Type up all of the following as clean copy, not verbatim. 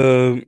Euh,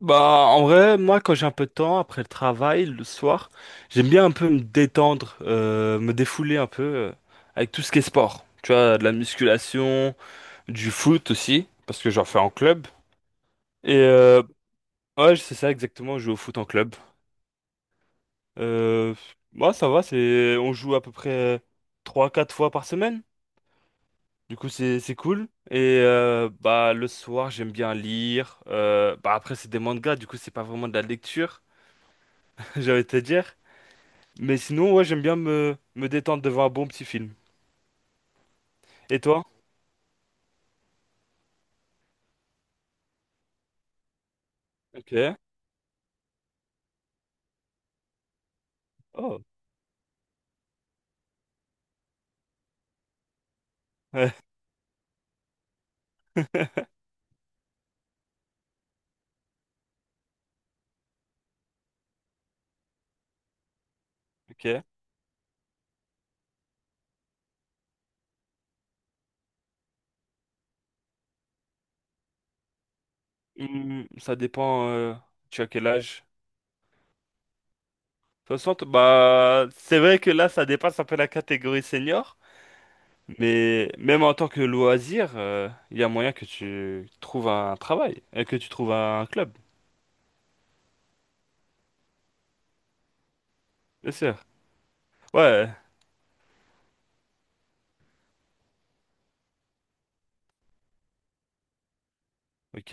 bah, en vrai, moi, quand j'ai un peu de temps après le travail, le soir, j'aime bien un peu me détendre, me défouler un peu avec tout ce qui est sport. Tu vois, de la musculation, du foot aussi, parce que j'en fais en club. Et ouais, c'est ça exactement, je joue au foot en club. Euh, Moi, ça va, c'est, on joue à peu près trois quatre fois par semaine. Du coup, c'est cool. Et bah, le soir, j'aime bien lire. Bah après, c'est des mangas, du coup, c'est pas vraiment de la lecture, j'allais te dire. Mais sinon, ouais, j'aime bien me détendre devant un bon petit film. Et toi? Ok. Oh. Ouais. Ok. Hmm, ça dépend. Tu as quel âge? Soixante. Bah, c'est vrai que là, ça dépasse un peu la catégorie senior. Mais même en tant que loisir, il y a moyen que tu trouves un travail et que tu trouves un club. Bien sûr. Ouais. Ok.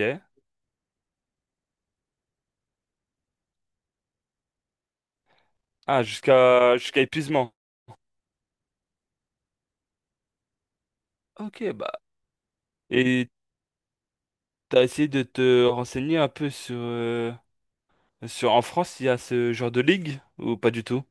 Ah, jusqu'à épuisement. Ok, bah. Et t'as essayé de te renseigner un peu sur en France, il y a ce genre de ligue ou pas du tout?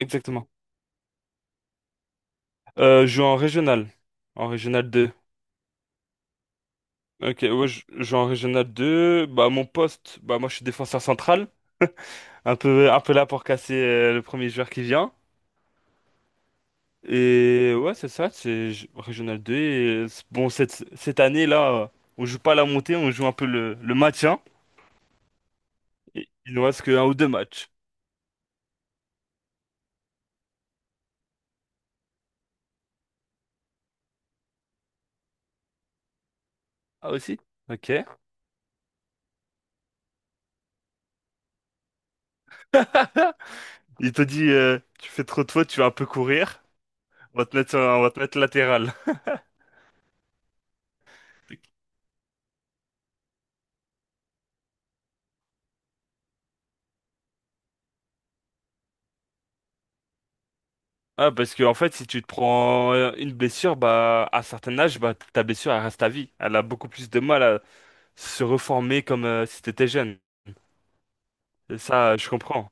Exactement. Je joue en régional. En régional 2. Ok, ouais, je joue en régional 2. Bah, mon poste, bah, moi, je suis défenseur central. Un peu là pour casser le premier joueur qui vient. Et ouais, c'est ça, régional 2. Et, bon, cette année-là, on joue pas la montée, on joue un peu le maintien. Et il nous reste qu'un ou deux matchs. Ah, aussi? Ok. Il te dit, tu fais trop de fautes, tu vas un peu courir. On va te mettre latéral. Ah, parce que, en fait, si tu te prends une blessure, bah, à un certain âge, bah, ta blessure, elle reste à vie. Elle a beaucoup plus de mal à se reformer comme si t'étais jeune. Et ça, je comprends.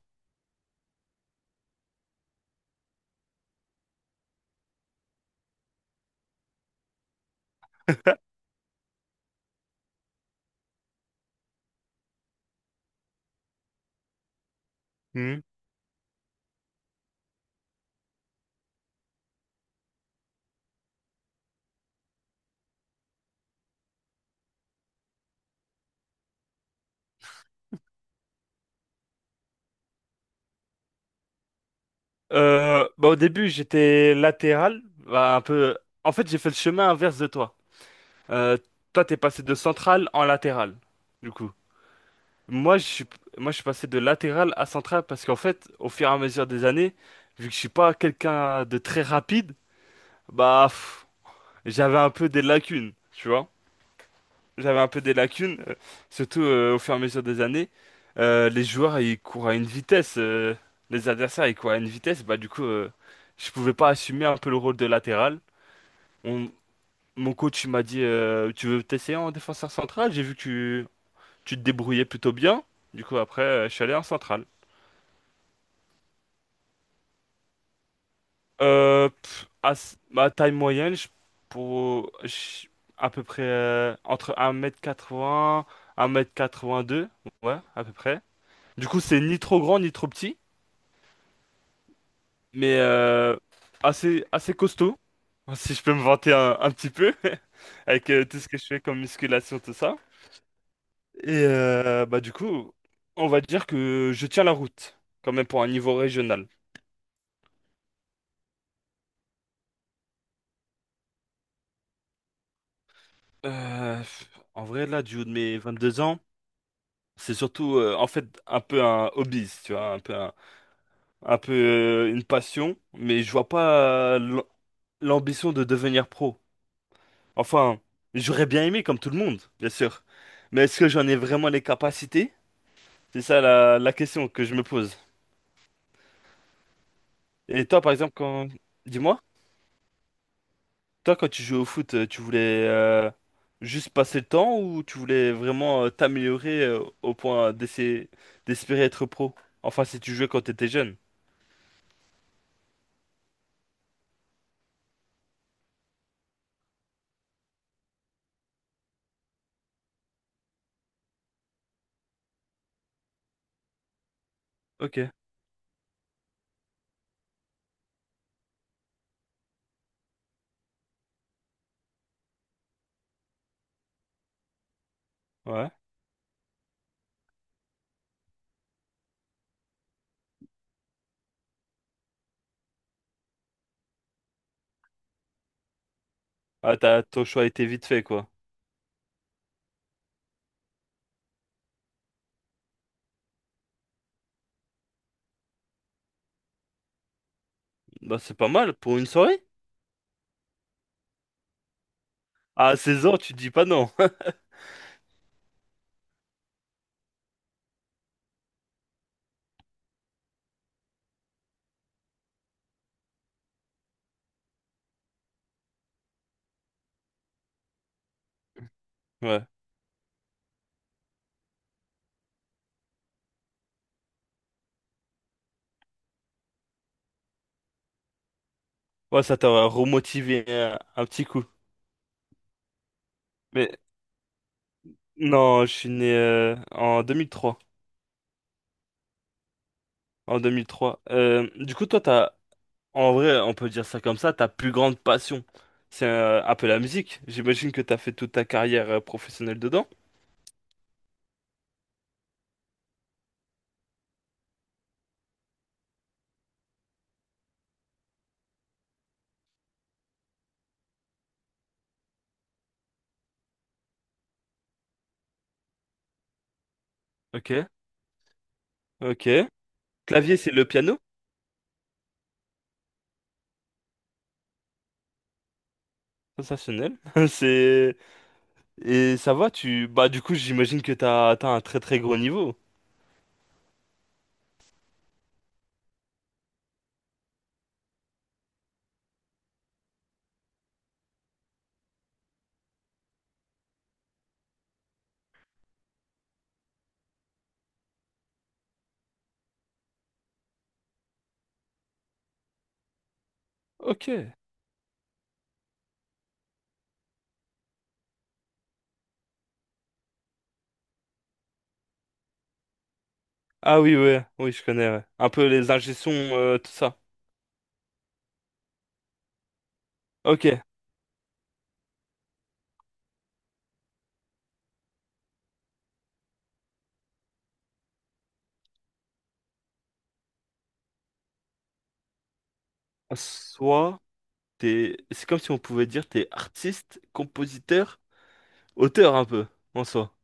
Mhm. Bah, au début, j'étais latéral, bah, un peu. En fait, j'ai fait le chemin inverse de toi. Euh, Toi, t'es passé de central en latéral, du coup. Moi, je suis, Moi, je suis passé de latéral à central parce qu'en fait, au fur et à mesure des années, vu que je suis pas quelqu'un de très rapide, bah, pff, j'avais un peu des lacunes, tu vois. J'avais un peu des lacunes, surtout au fur et à mesure des années. Les joueurs, ils courent à une vitesse. Les adversaires, ils courent à une vitesse. Bah, du coup, je pouvais pas assumer un peu le rôle de latéral. On- Mon coach, il m'a dit, tu veux t'essayer en défenseur central? J'ai vu que tu te débrouillais plutôt bien. Du coup, après, je suis allé en central. Ma taille moyenne, pour, je- à peu près entre 1m80, 1m82, ouais, à peu près. Du coup, c'est ni trop grand ni trop petit, mais assez, assez costaud, si je peux me vanter un petit peu, avec tout ce que je fais comme musculation, tout ça. Et bah, du coup, on va dire que je tiens la route, quand même pour un niveau régional. Euh, pff, En vrai, là, du haut de mes 22 ans, c'est surtout, en fait, un peu un hobby, tu vois, un peu, un peu, une passion, mais je vois pas l'ambition de devenir pro. Enfin, j'aurais bien aimé, comme tout le monde, bien sûr. Mais est-ce que j'en ai vraiment les capacités? C'est ça la question que je me pose. Et toi, par exemple, quand... Dis-moi, toi, quand tu jouais au foot, tu voulais juste passer le temps, ou tu voulais vraiment t'améliorer au point d'essayer d'espérer être pro? Enfin, si tu jouais quand t'étais jeune. Ok. Ouais. Ah, t'as, ton choix a été vite fait, quoi. Bah, c'est pas mal pour une soirée. À 16 ans, tu te dis pas non. Ouais. Ouais, ça t'aurait remotivé un petit coup. Mais non, je suis né en 2003. En 2003. Du coup, toi, t'as, en vrai, on peut dire ça comme ça, ta plus grande passion, c'est un peu la musique. J'imagine que t'as fait toute ta carrière professionnelle dedans. Ok. Ok. Clavier, c'est le piano. Sensationnel. C'est. Et ça va, tu... Bah, du coup, j'imagine que t'as atteint un très très gros niveau. Ok. Ah oui, ouais, oui, je connais, ouais. Un peu les ingé-sons, tout ça. Ok. Soit t'es... C'est comme si on pouvait dire t'es artiste, compositeur, auteur un peu, en soi.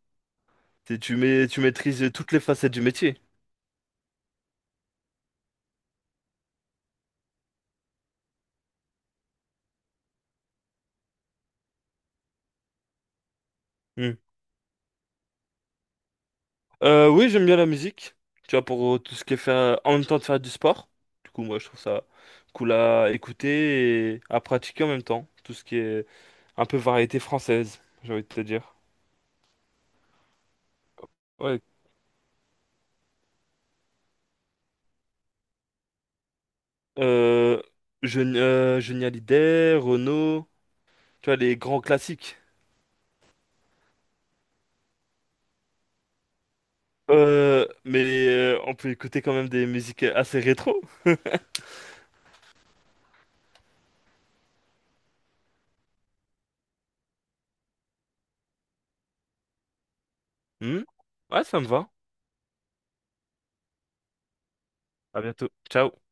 Tu maîtrises toutes les facettes du métier. Hmm. Oui, j'aime bien la musique. Tu vois, pour tout ce qui est faire... En même temps de faire du sport. Du coup, moi, je trouve ça cool à écouter et à pratiquer en même temps. Tout ce qui est un peu variété française, j'ai envie de te dire. Ouais. Euh, Jeune, Johnny Hallyday, Renaud, tu vois, les grands classiques. Mais on peut écouter quand même des musiques assez rétro. Hmm. Ouais, ça me va. À bientôt. Ciao.